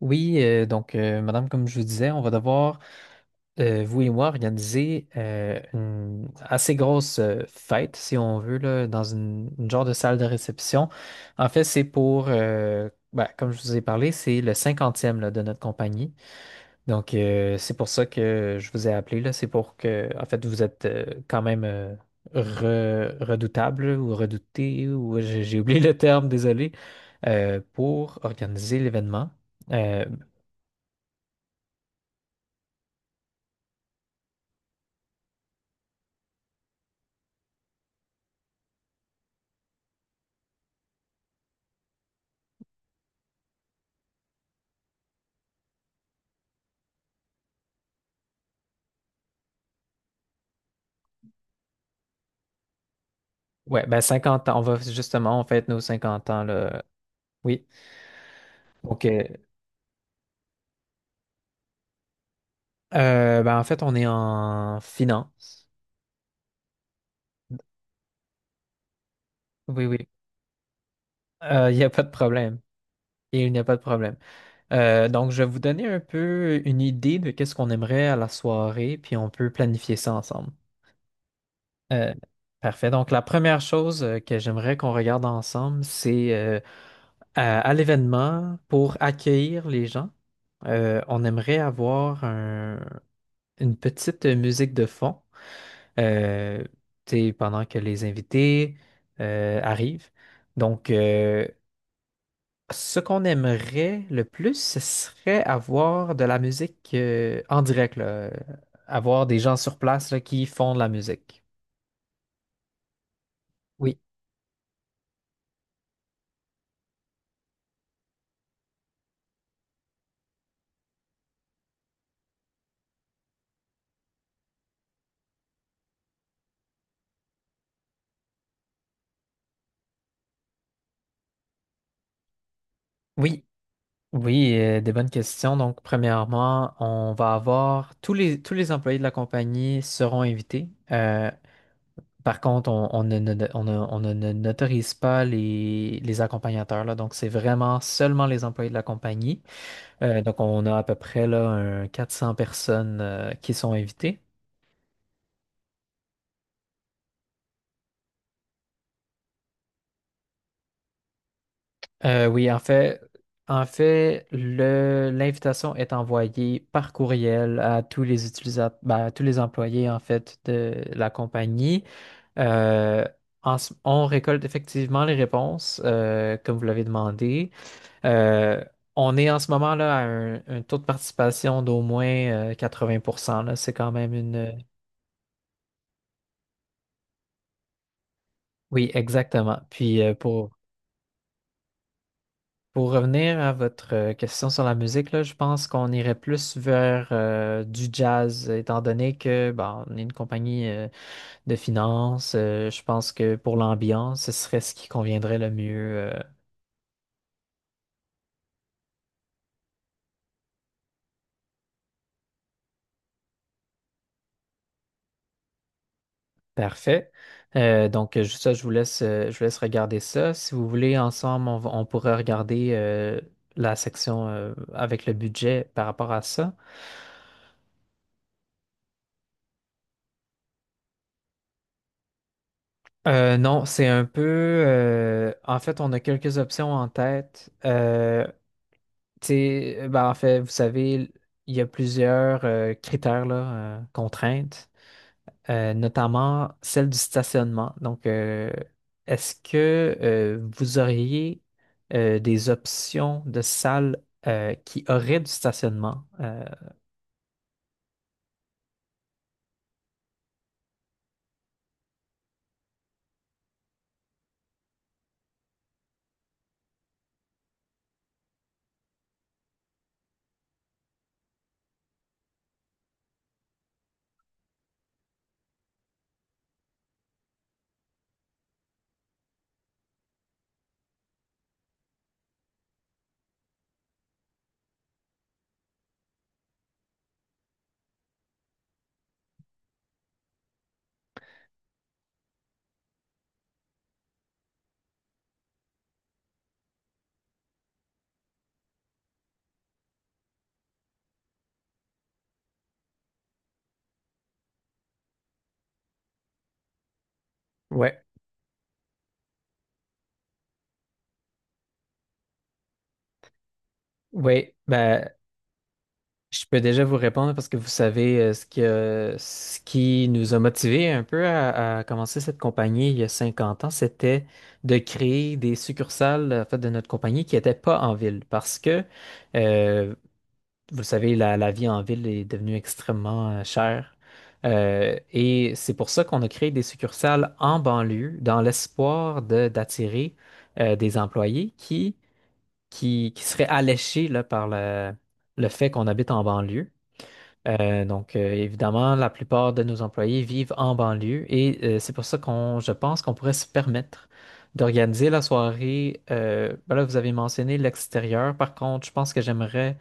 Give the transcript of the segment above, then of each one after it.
Oui, donc, madame, comme je vous disais, on va devoir, vous et moi, organiser une assez grosse fête, si on veut, là, dans une genre de salle de réception. En fait, c'est pour, ben, comme je vous ai parlé, c'est le cinquantième là, de notre compagnie. Donc, c'est pour ça que je vous ai appelé, là. C'est pour que, en fait, vous êtes quand même redoutable ou redouté, ou j'ai oublié le terme, désolé, pour organiser l'événement. Euh, Ouais, ben 50 ans, on va justement, on fête nos 50 ans, là. Oui. OK. Ben en fait, on est en finance. Oui, oui. Il n'y a pas de problème. Il n'y a pas de problème. Donc, je vais vous donner un peu une idée de qu'est-ce qu'on aimerait à la soirée, puis on peut planifier ça ensemble. Euh, parfait. Donc, la première chose que j'aimerais qu'on regarde ensemble, c'est à l'événement, pour accueillir les gens, on aimerait avoir un une petite musique de fond euh, tu sais, pendant que les invités arrivent. Donc, ce qu'on aimerait le plus, ce serait avoir de la musique en direct, là, avoir des gens sur place là, qui font de la musique. Oui, oui, oui, des bonnes questions. Donc, premièrement, on va avoir tous les employés de la compagnie seront invités. Par contre, on ne, on on n'autorise pas les accompagnateurs, là. Donc, c'est vraiment seulement les employés de la compagnie. Donc, on a à peu près là, un 400 personnes qui sont invitées. Oui, en fait, l'invitation est envoyée par courriel à tous les utilisateurs, à tous les employés, en fait, de la compagnie. Euh, on récolte effectivement les réponses, comme vous l'avez demandé. Euh, on est en ce moment là à un taux de participation d'au moins 80%, là. C'est quand même une... Oui, exactement. Puis pour revenir à votre question sur la musique, là, je pense qu'on irait plus vers du jazz, étant donné que bon, on est une compagnie de finances. Je pense que pour l'ambiance, ce serait ce qui conviendrait le mieux Parfait. Donc, ça, je vous laisse regarder ça. Si vous voulez, ensemble, on pourrait regarder la section avec le budget par rapport à ça. Non, c'est un peu... en fait, on a quelques options en tête. Tu sais, ben, en fait, vous savez, il y a plusieurs critères, là, contraintes. Euh, notamment celle du stationnement. Donc, est-ce que vous auriez des options de salles qui auraient du stationnement? Ouais, ouais, ben, je peux déjà vous répondre parce que vous savez ce qui nous a motivés un peu à commencer cette compagnie il y a 50 ans, c'était de créer des succursales en fait, de notre compagnie qui n'étaient pas en ville parce que euh, vous le savez, la vie en ville est devenue extrêmement chère. Et c'est pour ça qu'on a créé des succursales en banlieue dans l'espoir d'attirer des employés qui, qui seraient alléchés là, par le fait qu'on habite en banlieue. Donc, évidemment, la plupart de nos employés vivent en banlieue et c'est pour ça qu'on, je pense qu'on pourrait se permettre d'organiser la soirée. Ben là, vous avez mentionné l'extérieur. Par contre, je pense que j'aimerais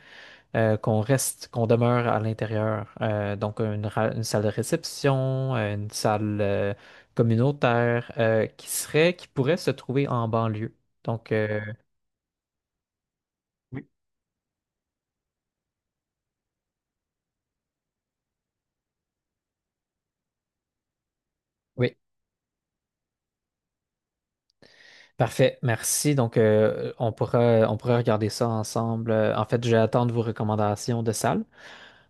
qu'on reste, qu'on demeure à l'intérieur. Donc, une salle de réception, une salle communautaire qui serait, qui pourrait se trouver en banlieue. Donc, oui, parfait, merci. Donc, on pourra regarder ça ensemble. En fait, je vais attendre vos recommandations de salles.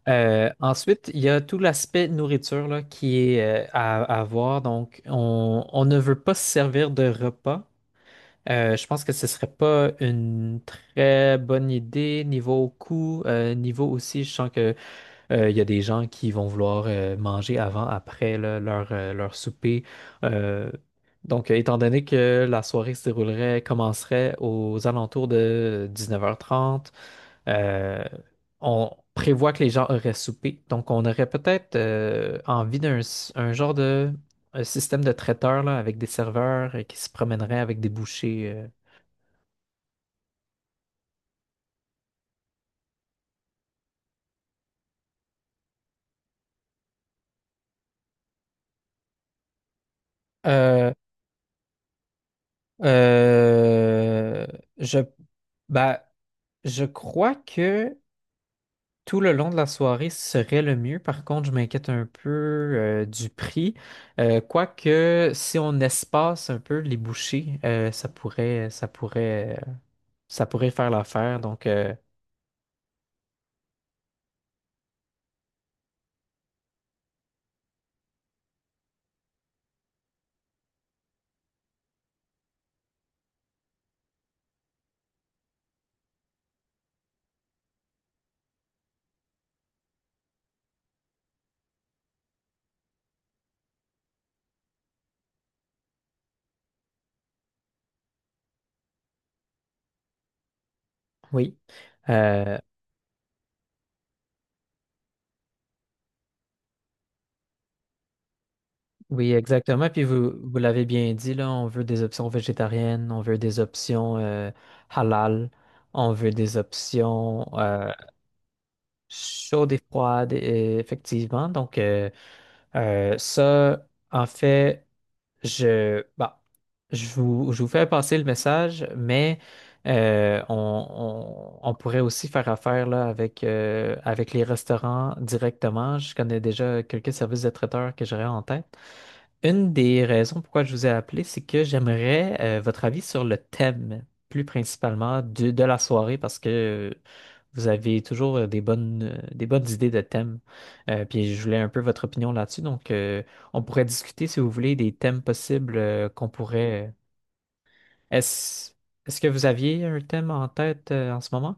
Ensuite, il y a tout l'aspect nourriture là, qui est à voir. Donc, on ne veut pas se servir de repas. Je pense que ce serait pas une très bonne idée niveau coût, niveau aussi, je sens que il y a des gens qui vont vouloir manger avant, après là, leur, leur souper. Euh, donc, étant donné que la soirée se déroulerait, commencerait aux alentours de 19h30, euh, on prévoit que les gens auraient soupé. Donc, on aurait peut-être envie un genre de un système de traiteur là, avec des serveurs qui se promèneraient avec des bouchées. Euh, euh, je, bah, je crois que tout le long de la soirée serait le mieux. Par contre, je m'inquiète un peu du prix. Quoique, si on espace un peu les bouchées, ça pourrait faire l'affaire. Donc, oui, Euh, oui, exactement. Puis vous, vous l'avez bien dit, là, on veut des options végétariennes, on veut des options halal, on veut des options. Chaude et froide, effectivement. Donc, ça, en fait, je, bah, je vous fais passer le message, mais on, on pourrait aussi faire affaire là, avec, avec les restaurants directement. Je connais déjà quelques services de traiteurs que j'aurais en tête. Une des raisons pourquoi je vous ai appelé, c'est que j'aimerais votre avis sur le thème, plus principalement de la soirée, parce que vous avez toujours des bonnes idées de thèmes. Puis je voulais un peu votre opinion là-dessus. Donc, on pourrait discuter, si vous voulez, des thèmes possibles qu'on pourrait. Est-ce, est-ce que vous aviez un thème en tête en ce moment?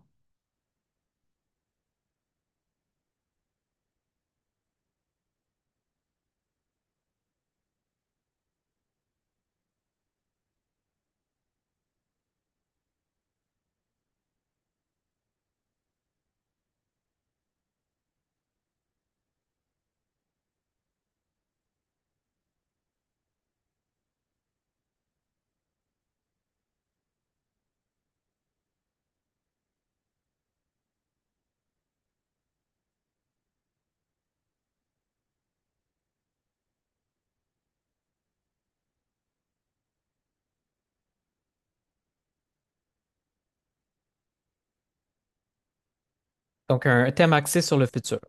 Donc, un thème axé sur le futur.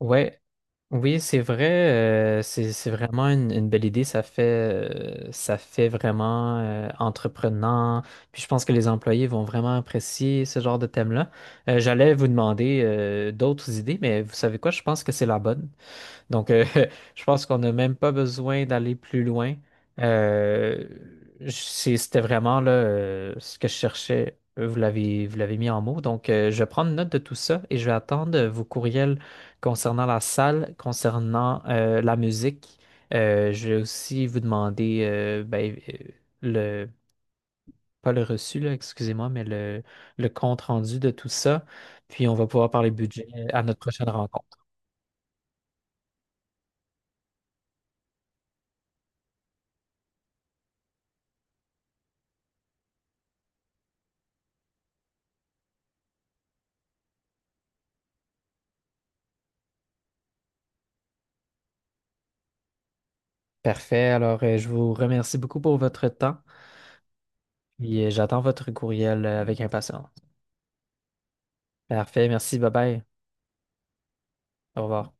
Ouais, oui, c'est vrai, c'est vraiment une belle idée. Ça fait vraiment entreprenant. Puis je pense que les employés vont vraiment apprécier ce genre de thème-là. J'allais vous demander d'autres idées, mais vous savez quoi? Je pense que c'est la bonne. Donc, je pense qu'on n'a même pas besoin d'aller plus loin. Euh, c'était vraiment là, ce que je cherchais. Vous l'avez, vous l'avez mis en mots. Donc, je vais prendre note de tout ça et je vais attendre vos courriels concernant la salle, concernant la musique. Je vais aussi vous demander, ben, le, pas le reçu, là, excusez-moi, mais le compte rendu de tout ça. Puis, on va pouvoir parler budget à notre prochaine rencontre. Parfait. Alors, je vous remercie beaucoup pour votre temps et j'attends votre courriel avec impatience. Parfait. Merci. Bye bye. Au revoir.